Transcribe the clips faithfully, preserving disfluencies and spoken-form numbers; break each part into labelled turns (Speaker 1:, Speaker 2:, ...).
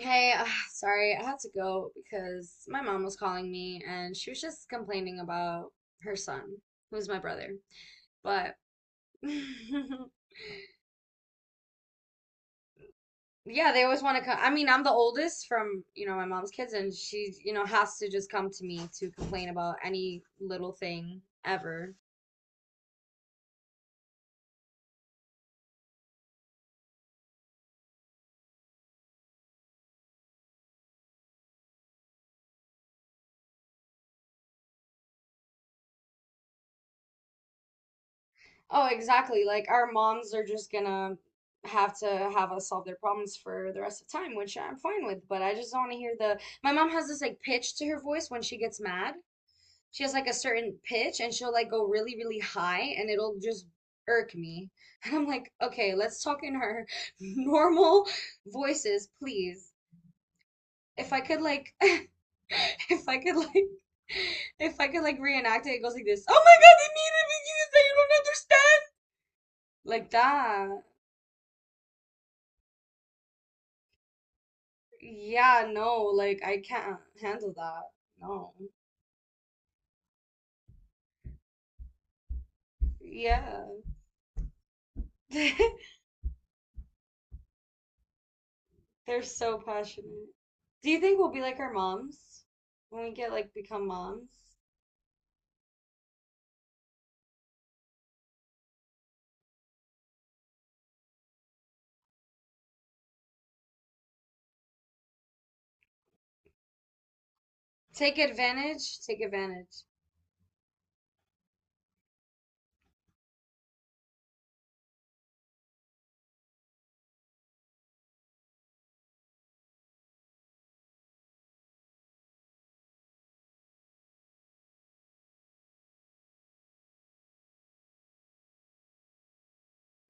Speaker 1: Hey, uh, sorry, I had to go because my mom was calling me and she was just complaining about her son, who's my brother. But yeah, they always want to come. I mean, I'm the oldest from, you know, my mom's kids, and she, you know, has to just come to me to complain about any little thing ever. Oh, exactly. Like our moms are just gonna have to have us solve their problems for the rest of time, which I'm fine with, but I just don't want to hear the. My mom has this like pitch to her voice when she gets mad. She has like a certain pitch and she'll like go really, really high and it'll just irk me. And I'm like, okay, let's talk in her normal voices, please. If I could like if I could like if I could like reenact it, it goes like this. Oh my God, they mean it because that you don't understand. Like that. Yeah, no, like I can't handle that. No. Yeah. They're so passionate. Do you think we'll be like our moms when we get like become moms? Take advantage, take advantage.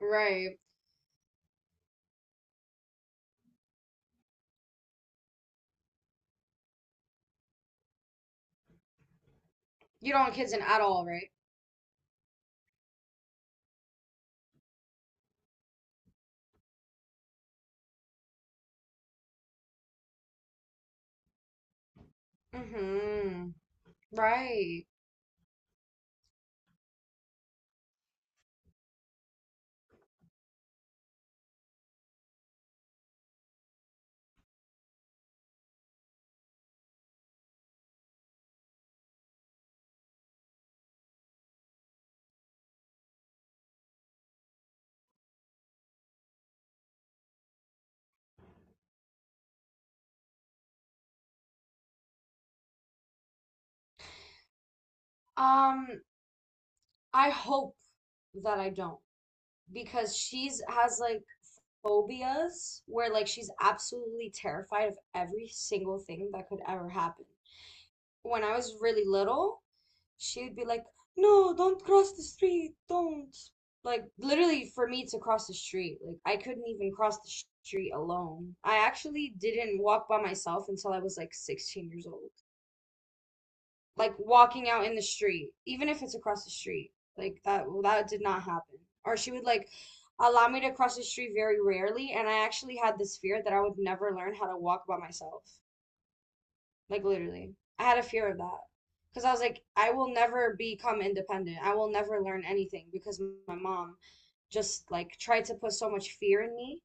Speaker 1: Right. You don't want kids in at all, right? Mm-hmm. Right. Um, I hope that I don't because she's has like phobias where like she's absolutely terrified of every single thing that could ever happen. When I was really little, she'd be like, "No, don't cross the street, don't." Like literally for me to cross the street, like I couldn't even cross the street alone. I actually didn't walk by myself until I was like sixteen years old. Like walking out in the street, even if it's across the street. Like that well, that did not happen. Or she would like allow me to cross the street very rarely, and I actually had this fear that I would never learn how to walk by myself. Like literally. I had a fear of that. Because I was like, I will never become independent. I will never learn anything because my mom just like tried to put so much fear in me.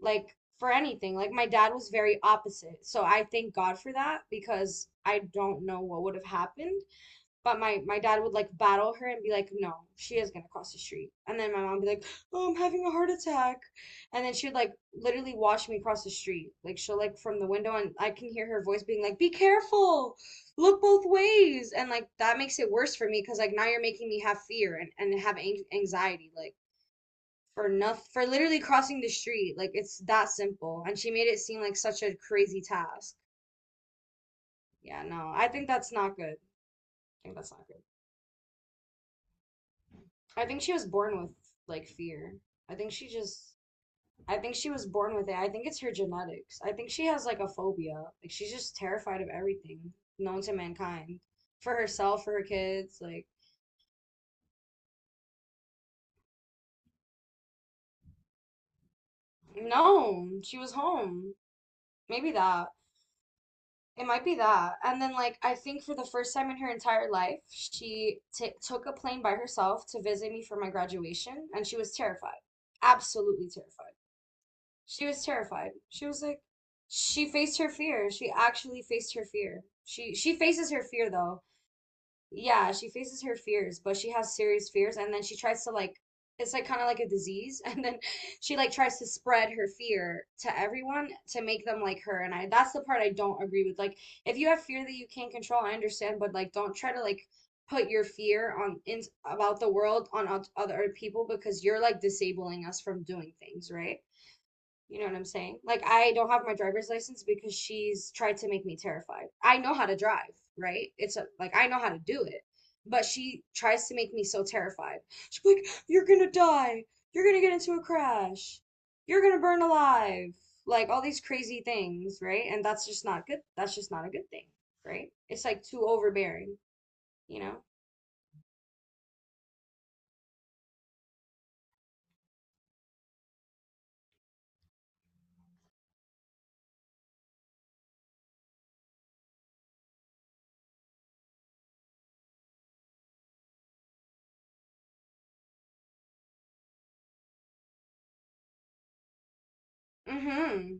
Speaker 1: Like for anything. Like my dad was very opposite. So I thank God for that because I don't know what would have happened but my my dad would like battle her and be like, "No, she is gonna cross the street." And then my mom would be like, "Oh, I'm having a heart attack." And then she would like literally watch me cross the street. Like she'll like from the window and I can hear her voice being like, "Be careful. Look both ways." And like that makes it worse for me because like now you're making me have fear and and have anxiety like for nothing for literally crossing the street. Like it's that simple. And she made it seem like such a crazy task. Yeah, no. I think that's not good. I think that's not good. I think she was born with like fear. I think she just I think she was born with it. I think it's her genetics. I think she has like a phobia. Like she's just terrified of everything known to mankind. For herself, for her kids, like no, she was home. Maybe that. It might be that. And then like I think for the first time in her entire life, she t took a plane by herself to visit me for my graduation and she was terrified. Absolutely terrified. She was terrified. She was like, she faced her fear. She actually faced her fear. She she faces her fear though. Yeah, she faces her fears, but she has serious fears, and then she tries to like, it's like kind of like a disease, and then she like tries to spread her fear to everyone to make them like her. And I that's the part I don't agree with. Like, if you have fear that you can't control, I understand, but like, don't try to like put your fear on in about the world on oth- other people because you're like disabling us from doing things, right? You know what I'm saying? Like, I don't have my driver's license because she's tried to make me terrified. I know how to drive, right? It's a, like, I know how to do it, but she tries to make me so terrified. She's like, you're gonna die. You're gonna get into a crash. You're gonna burn alive. Like, all these crazy things, right? And that's just not good. That's just not a good thing, right? It's like too overbearing, you know? Mm-hmm.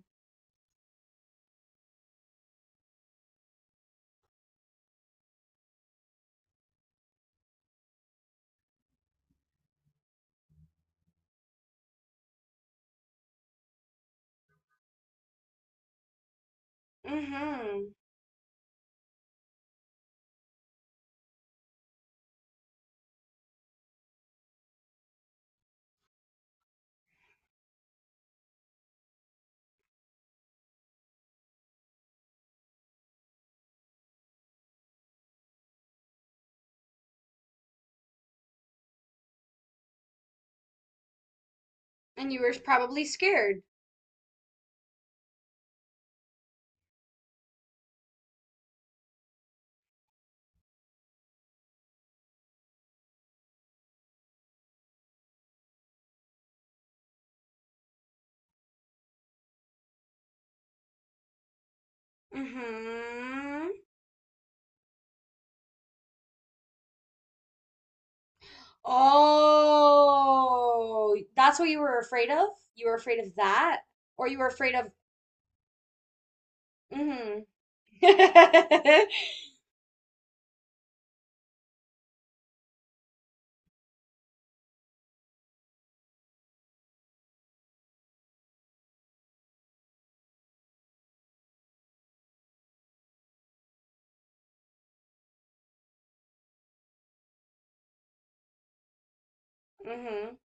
Speaker 1: Mm-hmm. And you were probably scared. Mm-hmm. Oh, that's what you were afraid of? You were afraid of that? Or you were afraid of mm-hmm. Mm-hmm.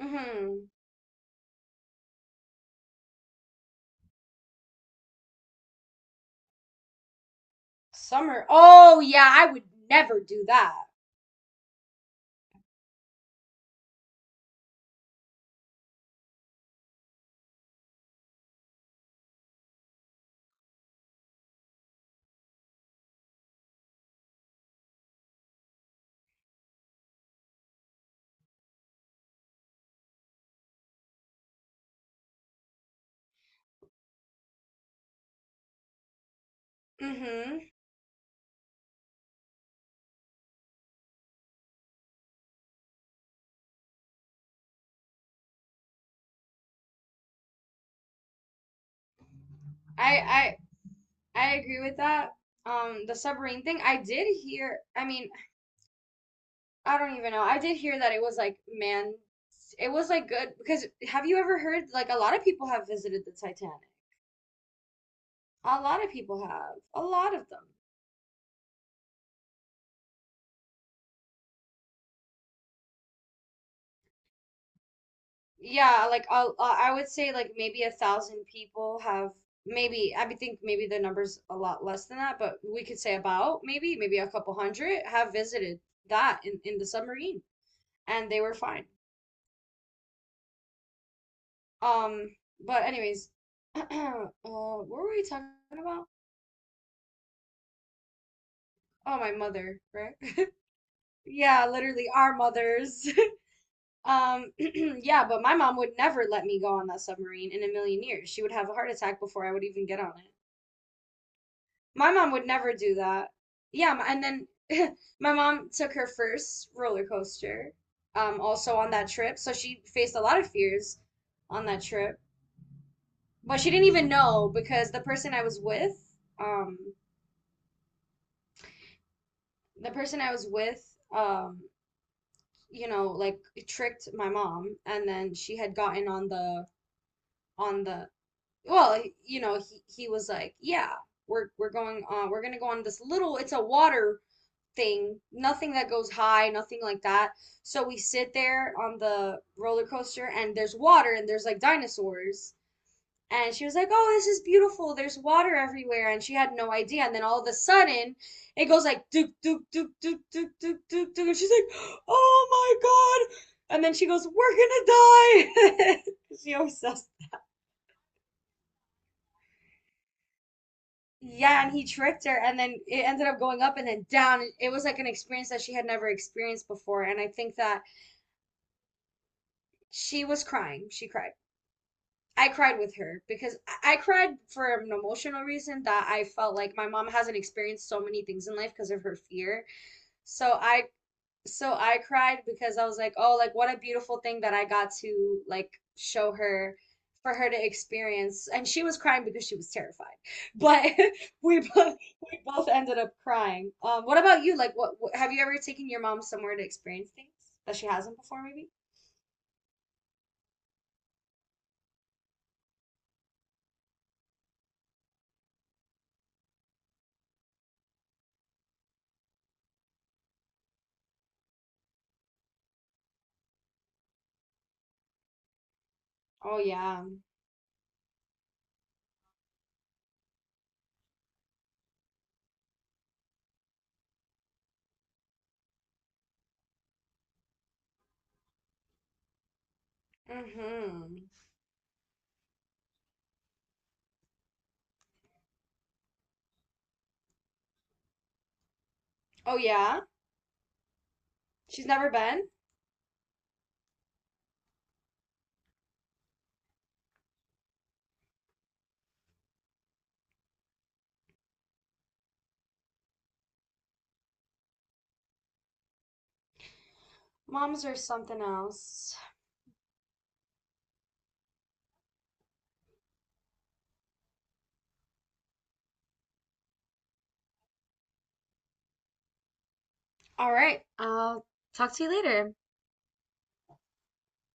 Speaker 1: Mm-hmm. Summer. Oh yeah, I would never do that. Mm-hmm. I I I agree with that. Um, the submarine thing, I did hear, I mean, I don't even know. I did hear that it was like man it was like good because have you ever heard like a lot of people have visited the Titanic? A lot of people have. A lot of them. Yeah, like uh, uh, I would say like maybe a thousand people have maybe I would think maybe the number's a lot less than that, but we could say about maybe maybe a couple hundred have visited that in in the submarine and they were fine. Um, but anyways, uh, what were we talking about? Oh, my mother, right? Yeah, literally our mothers. Um, yeah, but my mom would never let me go on that submarine in a million years. She would have a heart attack before I would even get on it. My mom would never do that. Yeah, m- and then my mom took her first roller coaster, um, also on that trip. So she faced a lot of fears on that trip. But she didn't even know because the person I was with, um, the person I was with, um, you know, like tricked my mom, and then she had gotten on the on the well, you know, he he was like, yeah, we're we're going on, we're gonna go on this little, it's a water thing, nothing that goes high, nothing like that. So we sit there on the roller coaster and there's water and there's like dinosaurs. And she was like, "Oh, this is beautiful. There's water everywhere." And she had no idea. And then all of a sudden, it goes like doop doop doop doop doop doop doop doop. And she's like, "Oh my God." And then she goes, "We're gonna die." She always says, yeah, and he tricked her, and then it ended up going up and then down. It was like an experience that she had never experienced before, and I think that She was crying. She cried. I cried with her because I cried for an emotional reason that I felt like my mom hasn't experienced so many things in life because of her fear. So I so I cried because I was like, "Oh, like what a beautiful thing that I got to like show her for her to experience." And she was crying because she was terrified. But we both we both ended up crying. Um, what about you? Like what, what have you ever taken your mom somewhere to experience things that she hasn't before maybe? Oh yeah. Mm-hmm. Oh yeah? She's never been? Moms are something else. All right, I'll talk to you later.